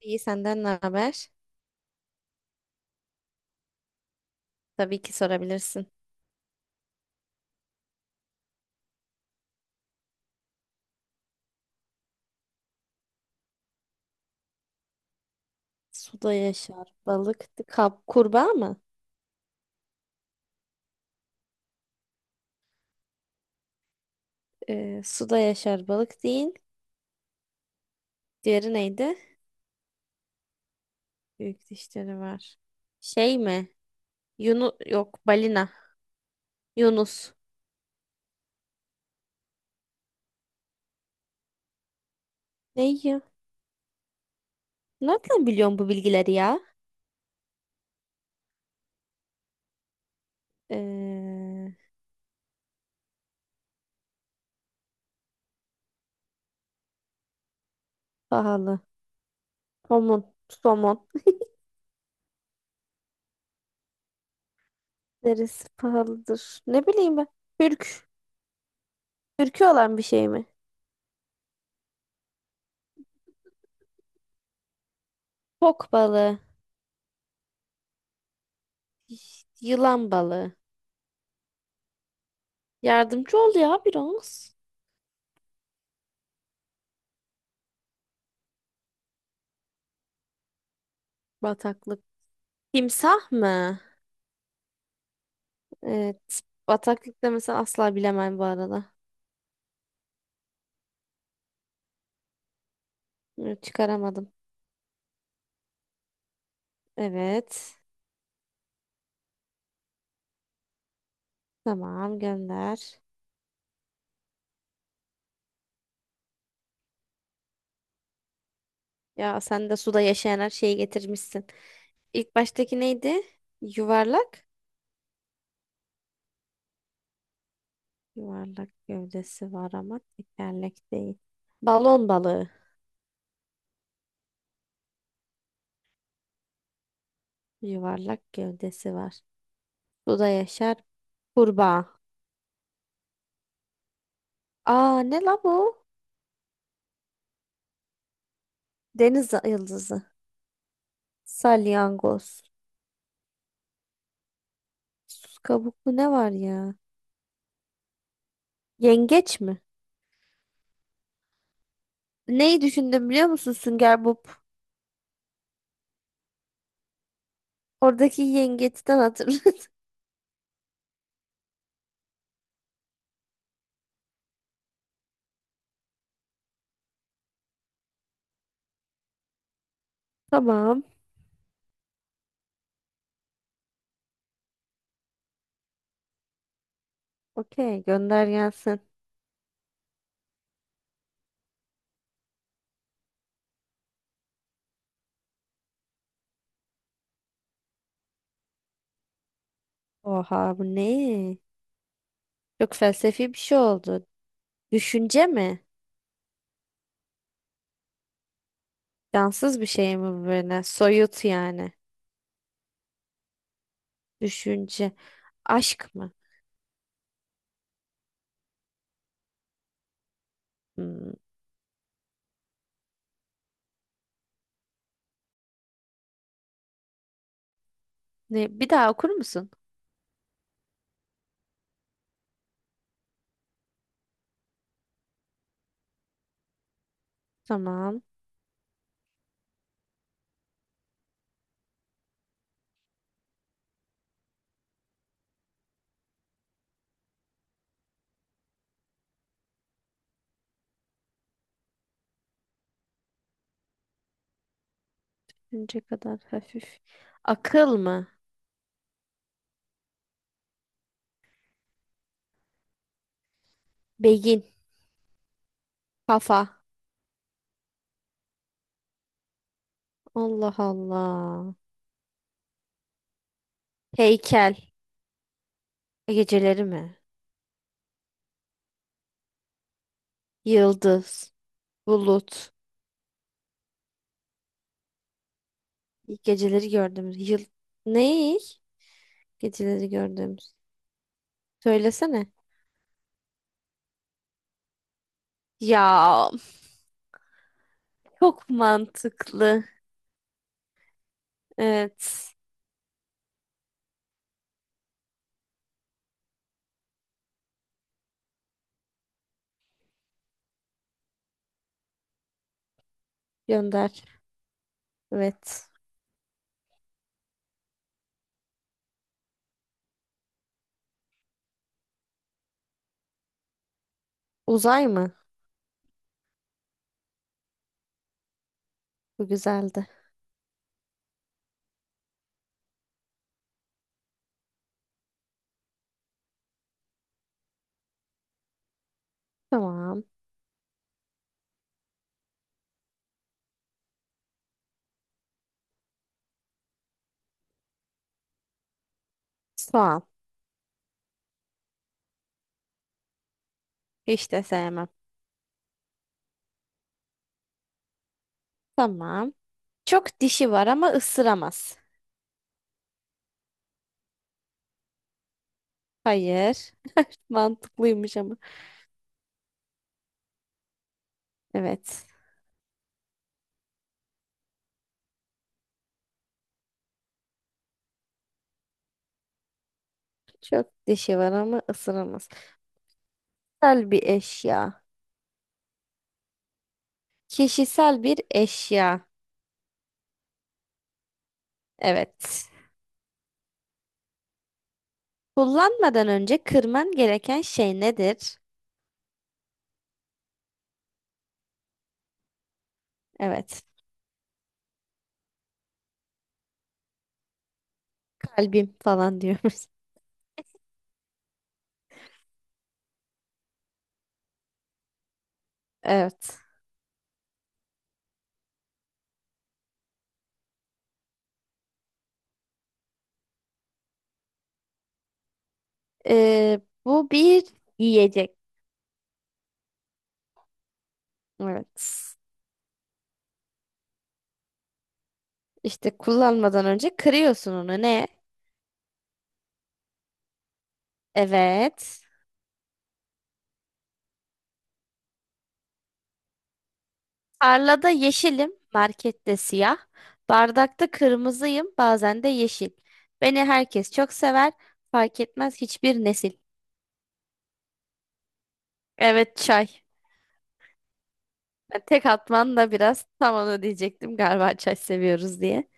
İyi, senden ne haber? Tabii ki sorabilirsin. Suda yaşar balık. Kap, kurbağa mı? Suda yaşar balık değil. Diğeri neydi? Büyük dişleri var. Şey mi? Yunus yok balina. Yunus. Ne ya? Nereden biliyorsun bu bilgileri ya? Ee, Pahalı. Somon. Somon. Neresi pahalıdır? Ne bileyim ben. Türk. Türkü olan bir şey mi? Fok balığı. Yılan balığı. Yardımcı ol ya biraz. Bataklık. Timsah mı? Evet. Bataklıkta mesela asla bilemem bu arada. Bunu çıkaramadım. Evet. Tamam, gönder. Ya sen de suda yaşayan her şeyi getirmişsin. İlk baştaki neydi? Yuvarlak. Yuvarlak gövdesi var ama tekerlek değil. Balon balığı. Yuvarlak gövdesi var. Suda yaşar. Kurbağa. Aa ne la bu? Deniz yıldızı. Salyangoz. Sus kabuklu ne var ya? Yengeç mi? Neyi düşündüm biliyor musun, Sünger Bob? Oradaki yengeçten hatırladım. Tamam. Okey, gönder gelsin. Oha bu ne? Çok felsefi bir şey oldu. Düşünce mi? Cansız bir şey mi bu böyle? Soyut yani. Düşünce. Aşk mı? Hmm. Ne? Bir daha okur musun? Tamam. Düşünce kadar hafif. Akıl mı? Beyin. Kafa. Allah Allah. Heykel. E, geceleri mi? Yıldız. Bulut. Geceleri gördüğümüz yıl. Ne? Geceleri gördüğümüz. Söylesene. Ya, çok mantıklı. Evet. Gönder. Evet. Uzay mı? Bu güzeldi. Tamam. Soğan. Hiç de sevmem. Tamam. Çok dişi var ama ısıramaz. Hayır. Mantıklıymış ama. Evet. Çok dişi var ama ısıramaz. Kişisel bir eşya. Kişisel bir eşya. Evet. Kullanmadan önce kırman gereken şey nedir? Evet, kalbim falan diyoruz. Evet. Bu bir yiyecek. Evet. İşte kullanmadan önce kırıyorsun onu. Ne? Evet. Tarlada yeşilim, markette siyah. Bardakta kırmızıyım, bazen de yeşil. Beni herkes çok sever, fark etmez hiçbir nesil. Evet, çay. Ben tek atman da biraz tam onu diyecektim, galiba çay seviyoruz diye.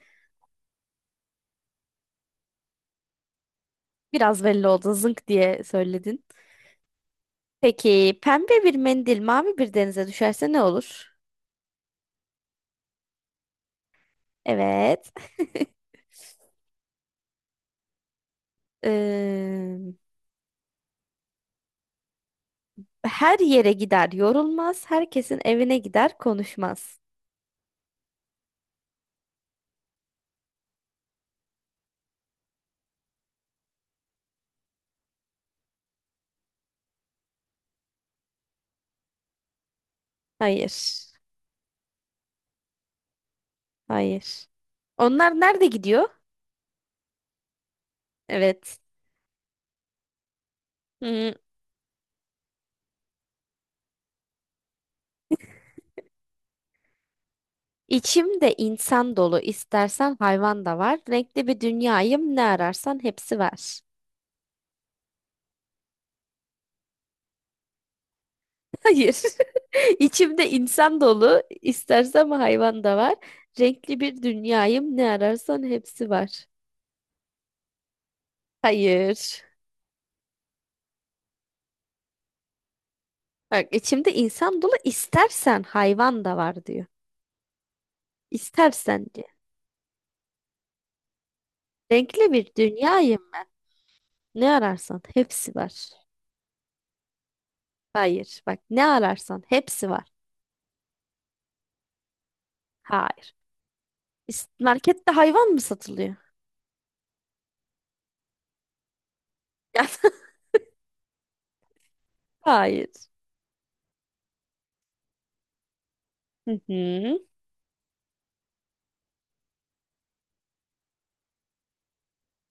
Biraz belli oldu, zınk diye söyledin. Peki pembe bir mendil mavi bir denize düşerse ne olur? Evet. Ee, Her yere gider yorulmaz. Herkesin evine gider konuşmaz. Hayır. Hayır. Onlar nerede gidiyor? Evet. Hmm. İçimde insan dolu, istersen hayvan da var. Renkli bir dünyayım, ne ararsan hepsi var. Hayır. İçimde insan dolu, istersem hayvan da var. Renkli bir dünyayım, ne ararsan hepsi var. Hayır. Bak, içimde insan dolu, istersen hayvan da var diyor. İstersen diyor. Renkli bir dünyayım ben. Ne ararsan hepsi var. Hayır. Bak, ne ararsan hepsi var. Hayır. Markette hayvan mı satılıyor? Hayır. Hı hı.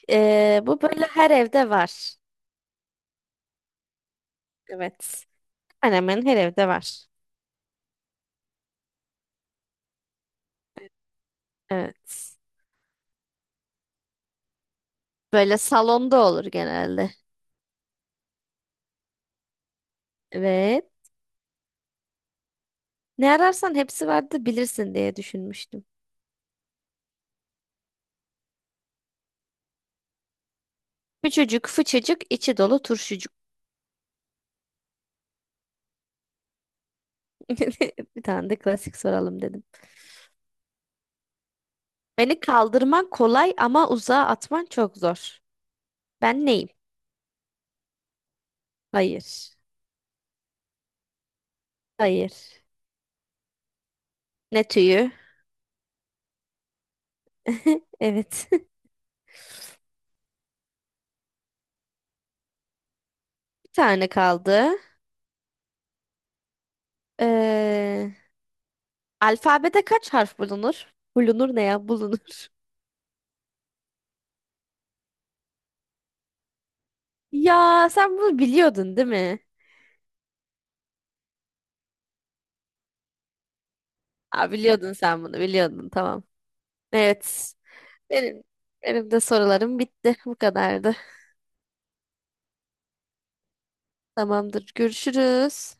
Bu böyle her evde var. Evet. Hemen hemen her evde var. Evet. Böyle salonda olur genelde. Evet. Ne ararsan hepsi vardı bilirsin diye düşünmüştüm. Küçücük, fıçıcık, içi dolu turşucuk. Bir tane de klasik soralım dedim. Beni kaldırman kolay ama uzağa atman çok zor. Ben neyim? Hayır. Hayır. Ne tüyü? Evet. Bir tane kaldı. Ee, Alfabede kaç harf bulunur? Bulunur ne ya? Bulunur. Ya sen bunu biliyordun, değil mi? Aa, biliyordun, sen bunu biliyordun, tamam. Evet, benim benim de sorularım bitti, bu kadardı. Tamamdır, görüşürüz.